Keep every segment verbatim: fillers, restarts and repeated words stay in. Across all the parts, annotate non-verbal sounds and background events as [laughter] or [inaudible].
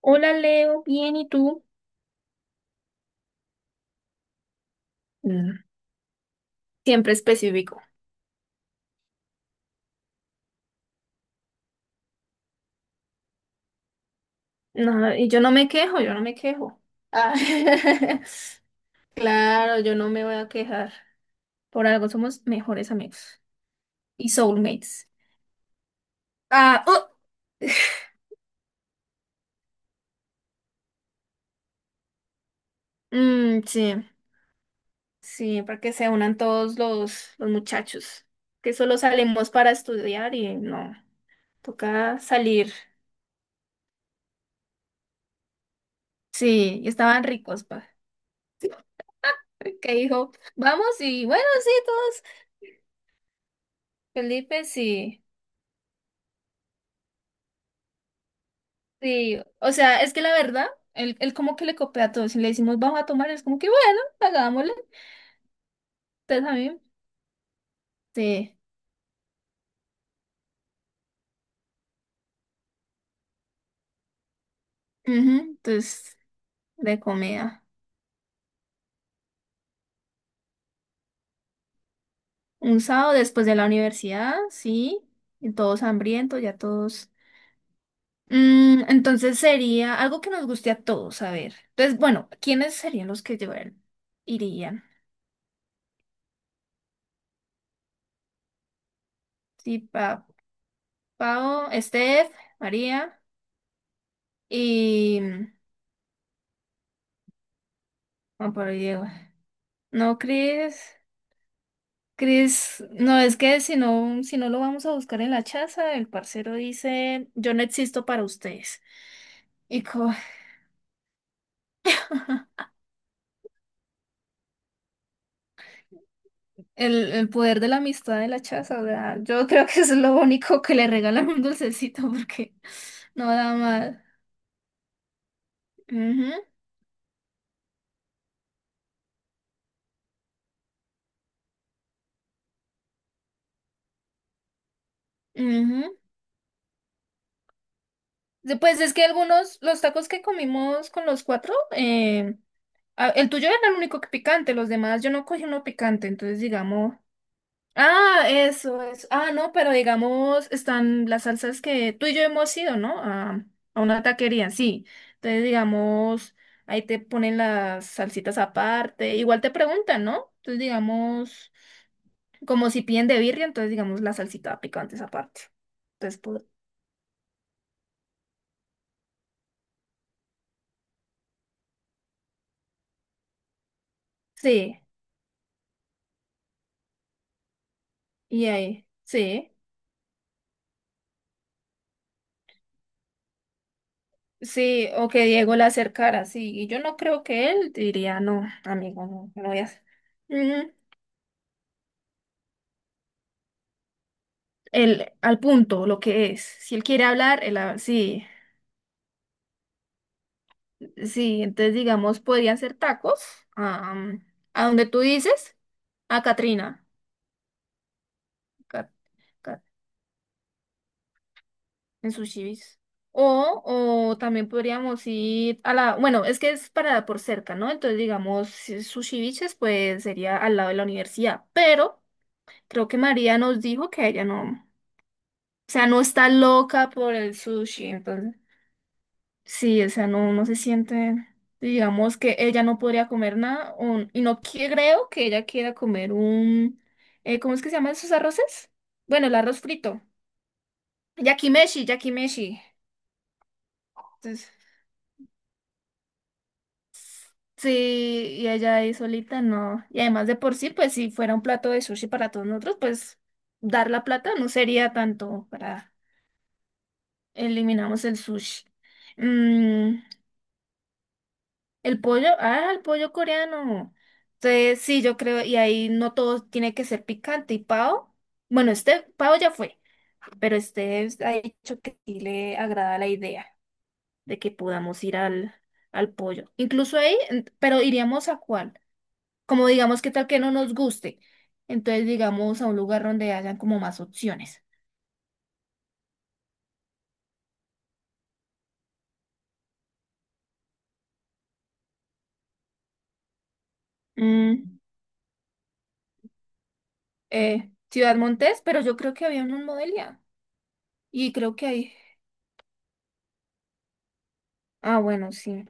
Hola Leo, bien, ¿y tú? Mm. Siempre específico. No, y yo no me quejo, yo no me quejo. Ah, [laughs] claro, yo no me voy a quejar. Por algo somos mejores amigos y soulmates. Ah, oh, mm, sí, sí, para que se unan todos los, los muchachos, que solo salimos para estudiar y no, toca salir. Sí, y estaban ricos, pa, que dijo, vamos y bueno, sí, todos felices y. Sí, o sea, es que la verdad, él, él como que le copia a todos. Si le decimos vamos a tomar, es como que bueno, hagámosle. Entonces a mí, sí. Ujú. Entonces, de comida. Un sábado después de la universidad, sí. Y todos hambrientos, ya todos. Mm, entonces sería algo que nos guste a todos, a ver. Entonces, bueno, ¿quiénes serían los que llevarían? Irían. Sí, pa Pau, Steph, María y. No por ahí Diego. No, Cris. Cris, no es que si no, si no lo vamos a buscar en la chaza, el parcero dice, yo no existo para ustedes. Y co- [laughs] el, el poder de la amistad de la chaza, o sea, yo creo que es lo único que le regalan un dulcecito porque [laughs] no da mal. Ujú, ujú. De- Pues es que algunos, los tacos que comimos con los cuatro, eh, a- el tuyo era el único que picante, los demás yo no cogí uno picante, entonces digamos. Ah, eso, es. Ah, no, pero digamos, están las salsas que tú y yo hemos ido, ¿no? A, a una taquería, sí. Entonces, digamos, ahí te ponen las salsitas aparte. Igual te preguntan, ¿no? Entonces, digamos, como si piden de birria, entonces, digamos, la salsita picante es aparte. Entonces, pues, sí, y ahí, sí. Sí, o que Diego la acercara, sí. Y yo no creo que él diría, no, amigo, no, no voy a hacer. El, al punto, lo que es. Si él quiere hablar, él ha- sí, sí, entonces digamos, podrían ser tacos am, a donde tú dices, a Katrina Ca- Ca- en sus chivis. O, o también podríamos ir a la, bueno, es que es para por cerca, ¿no? Entonces, digamos, si Sushi Biches, pues sería al lado de la universidad, pero creo que María nos dijo que ella no, o sea, no está loca por el sushi, entonces. Sí, o sea, no, no se siente, digamos que ella no podría comer nada o- y no que- creo que ella quiera comer un, eh, ¿Cómo es que se llaman esos arroces? Bueno, el arroz frito. Yakimeshi, yakimeshi. Entonces, sí, y ella ahí solita, no. Y además de por sí, pues si fuera un plato de sushi para todos nosotros, pues dar la plata no sería tanto para eliminamos el sushi. Mm, El pollo, ah, el pollo coreano. Entonces, sí, yo creo, y ahí no todo tiene que ser picante. Y Pao, bueno, este Pao ya fue, pero este ha dicho que sí le agrada la idea de que podamos ir al, al pollo. Incluso ahí, en- pero iríamos a cuál. Como digamos, qué tal que no nos guste. Entonces, digamos, a un lugar donde hayan como más opciones. Mm, eh, Ciudad Montes, pero yo creo que había uno en Modelia. Y creo que ahí. Ah, bueno, sí.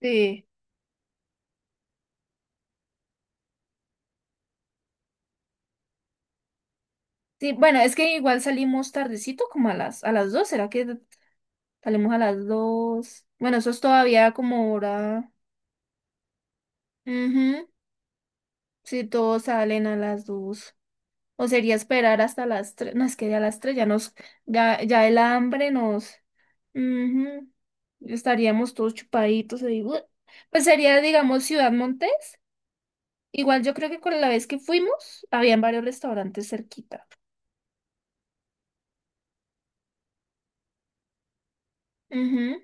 Sí. Sí, bueno, es que igual salimos tardecito, como a las, a las dos, ¿será que salimos a las dos? Bueno, eso es todavía como hora. Ujú. Si todos salen a las dos. O sería esperar hasta las tres. No, es que ya a las tres ya nos, ya, ya el hambre nos. Ujú. Estaríamos todos chupaditos ahí. ¡Buah! Pues sería, digamos, Ciudad Montes. Igual yo creo que con la vez que fuimos, habían varios restaurantes cerquita. Ujú.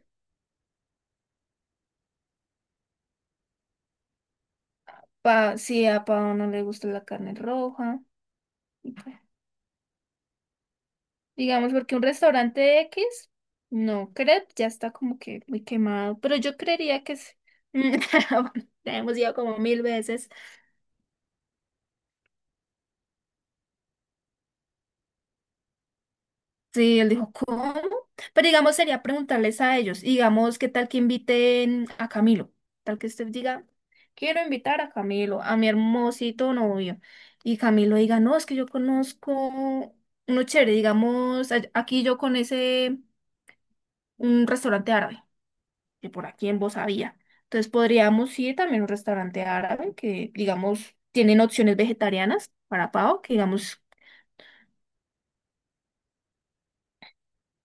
Pa, si a Pao no le gusta la carne roja. Digamos, porque un restaurante X, no, crepe ya está como que muy quemado, pero yo creería que sí. [laughs] Bueno, ya hemos ido como mil veces. Sí, él dijo, ¿cómo? Pero digamos, sería preguntarles a ellos, y digamos, ¿qué tal que inviten a Camilo? Tal que usted diga, quiero invitar a Camilo, a mi hermosito novio. Y Camilo diga, no, es que yo conozco uno chévere, digamos, a- aquí yo con ese, un restaurante árabe. Que por aquí en Voz había. Entonces podríamos ir también a un restaurante árabe que, digamos, tienen opciones vegetarianas para pavo, que digamos,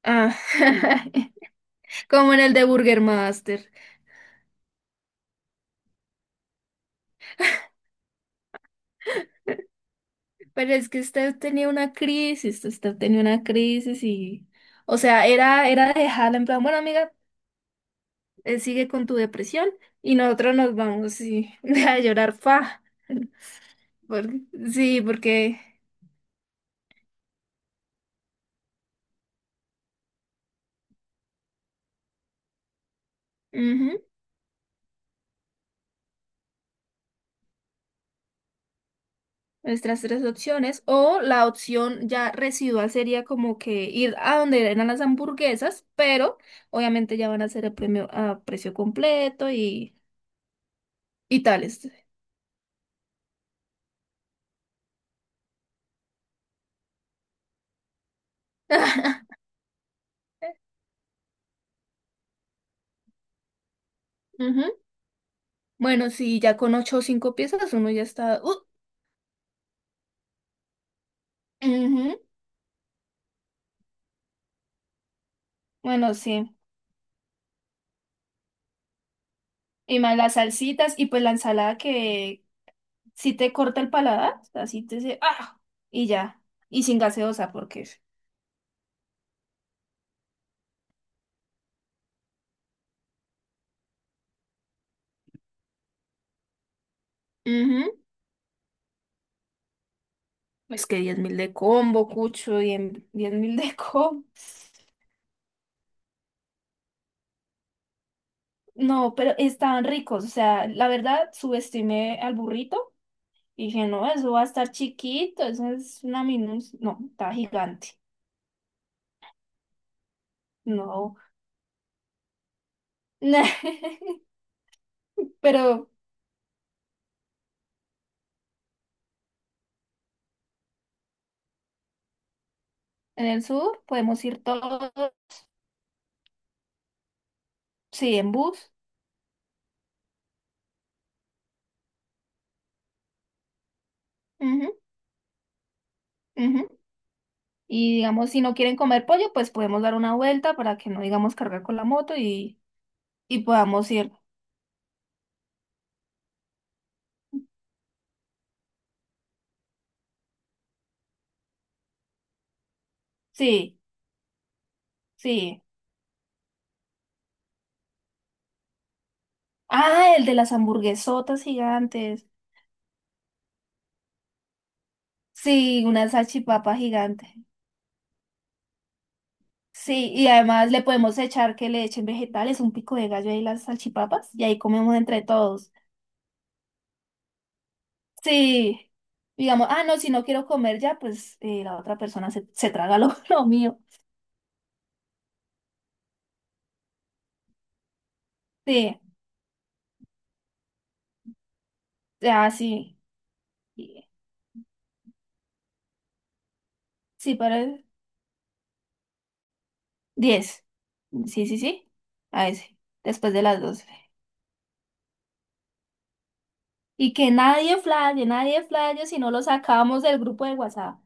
ah, [laughs] como en el de Burger Master. Pero es que usted tenía una crisis, usted tenía una crisis y, o sea, era, era dejarla en plan, bueno, amiga, eh, sigue con tu depresión y nosotros nos vamos y, [laughs] a llorar, fa. por- sí, porque. Ujú. Nuestras tres opciones. O la opción ya residual sería como que ir a donde eran las hamburguesas, pero obviamente ya van a ser el premio a precio completo y, y tales. [laughs] Ujú. Bueno, sí, ya con ocho o cinco piezas uno ya está. Uh, ujú. Bueno, sí. Y más las salsitas y pues la ensalada que si te corta el paladar, así te dice, ah, y ya. Y sin gaseosa, porque. Ujú. Es que diez mil de combo, cucho, [laughs] diez mil de combo. No, pero estaban ricos. O sea, la verdad, subestimé al burrito y dije, no, eso va a estar chiquito, eso es una minus. No, está gigante. No. [laughs] Pero en el sur podemos ir todos, sí, en bus. Ujú, ujú. Y digamos, si no quieren comer pollo, pues podemos dar una vuelta para que no digamos cargar con la moto y, y podamos ir. Sí, sí. Ah, el de las hamburguesotas gigantes. Sí, una salchipapa gigante. Sí, y además le podemos echar que le echen vegetales, un pico de gallo y las salchipapas, y ahí comemos entre todos. Sí, digamos, ah, no, si no quiero comer ya, pues eh, la otra persona se, se traga lo, [laughs] lo mío. Sí, ah, sí. Y- Sí, para el diez. Sí, sí, sí. A ese, después de las doce. Y que nadie flaye, nadie flaye si no lo sacamos del grupo de WhatsApp.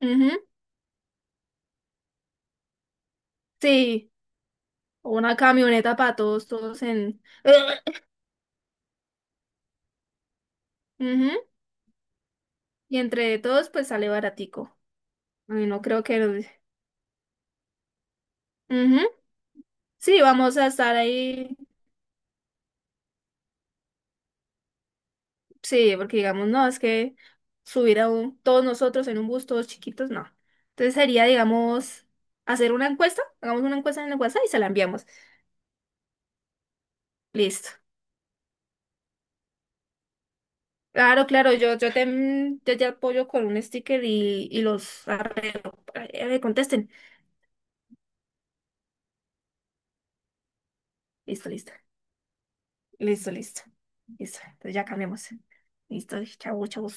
Ujú. Sí. Una camioneta para todos, todos en. [laughs] Ujú. Y entre todos, pues sale baratico. Ay, no creo que... nos- Ujú. Sí, vamos a estar ahí. Sí, porque digamos, no, es que subir a un- todos nosotros en un bus, todos chiquitos, no. Entonces sería, digamos, hacer una encuesta. Hagamos una encuesta en el WhatsApp y se la enviamos. Listo. Claro, claro, yo, yo te, yo te apoyo con un sticker y, y los arreglo. Eh, Contesten. Listo, listo. Listo, listo. Listo. Entonces ya cambiamos. Listo, chau, chau.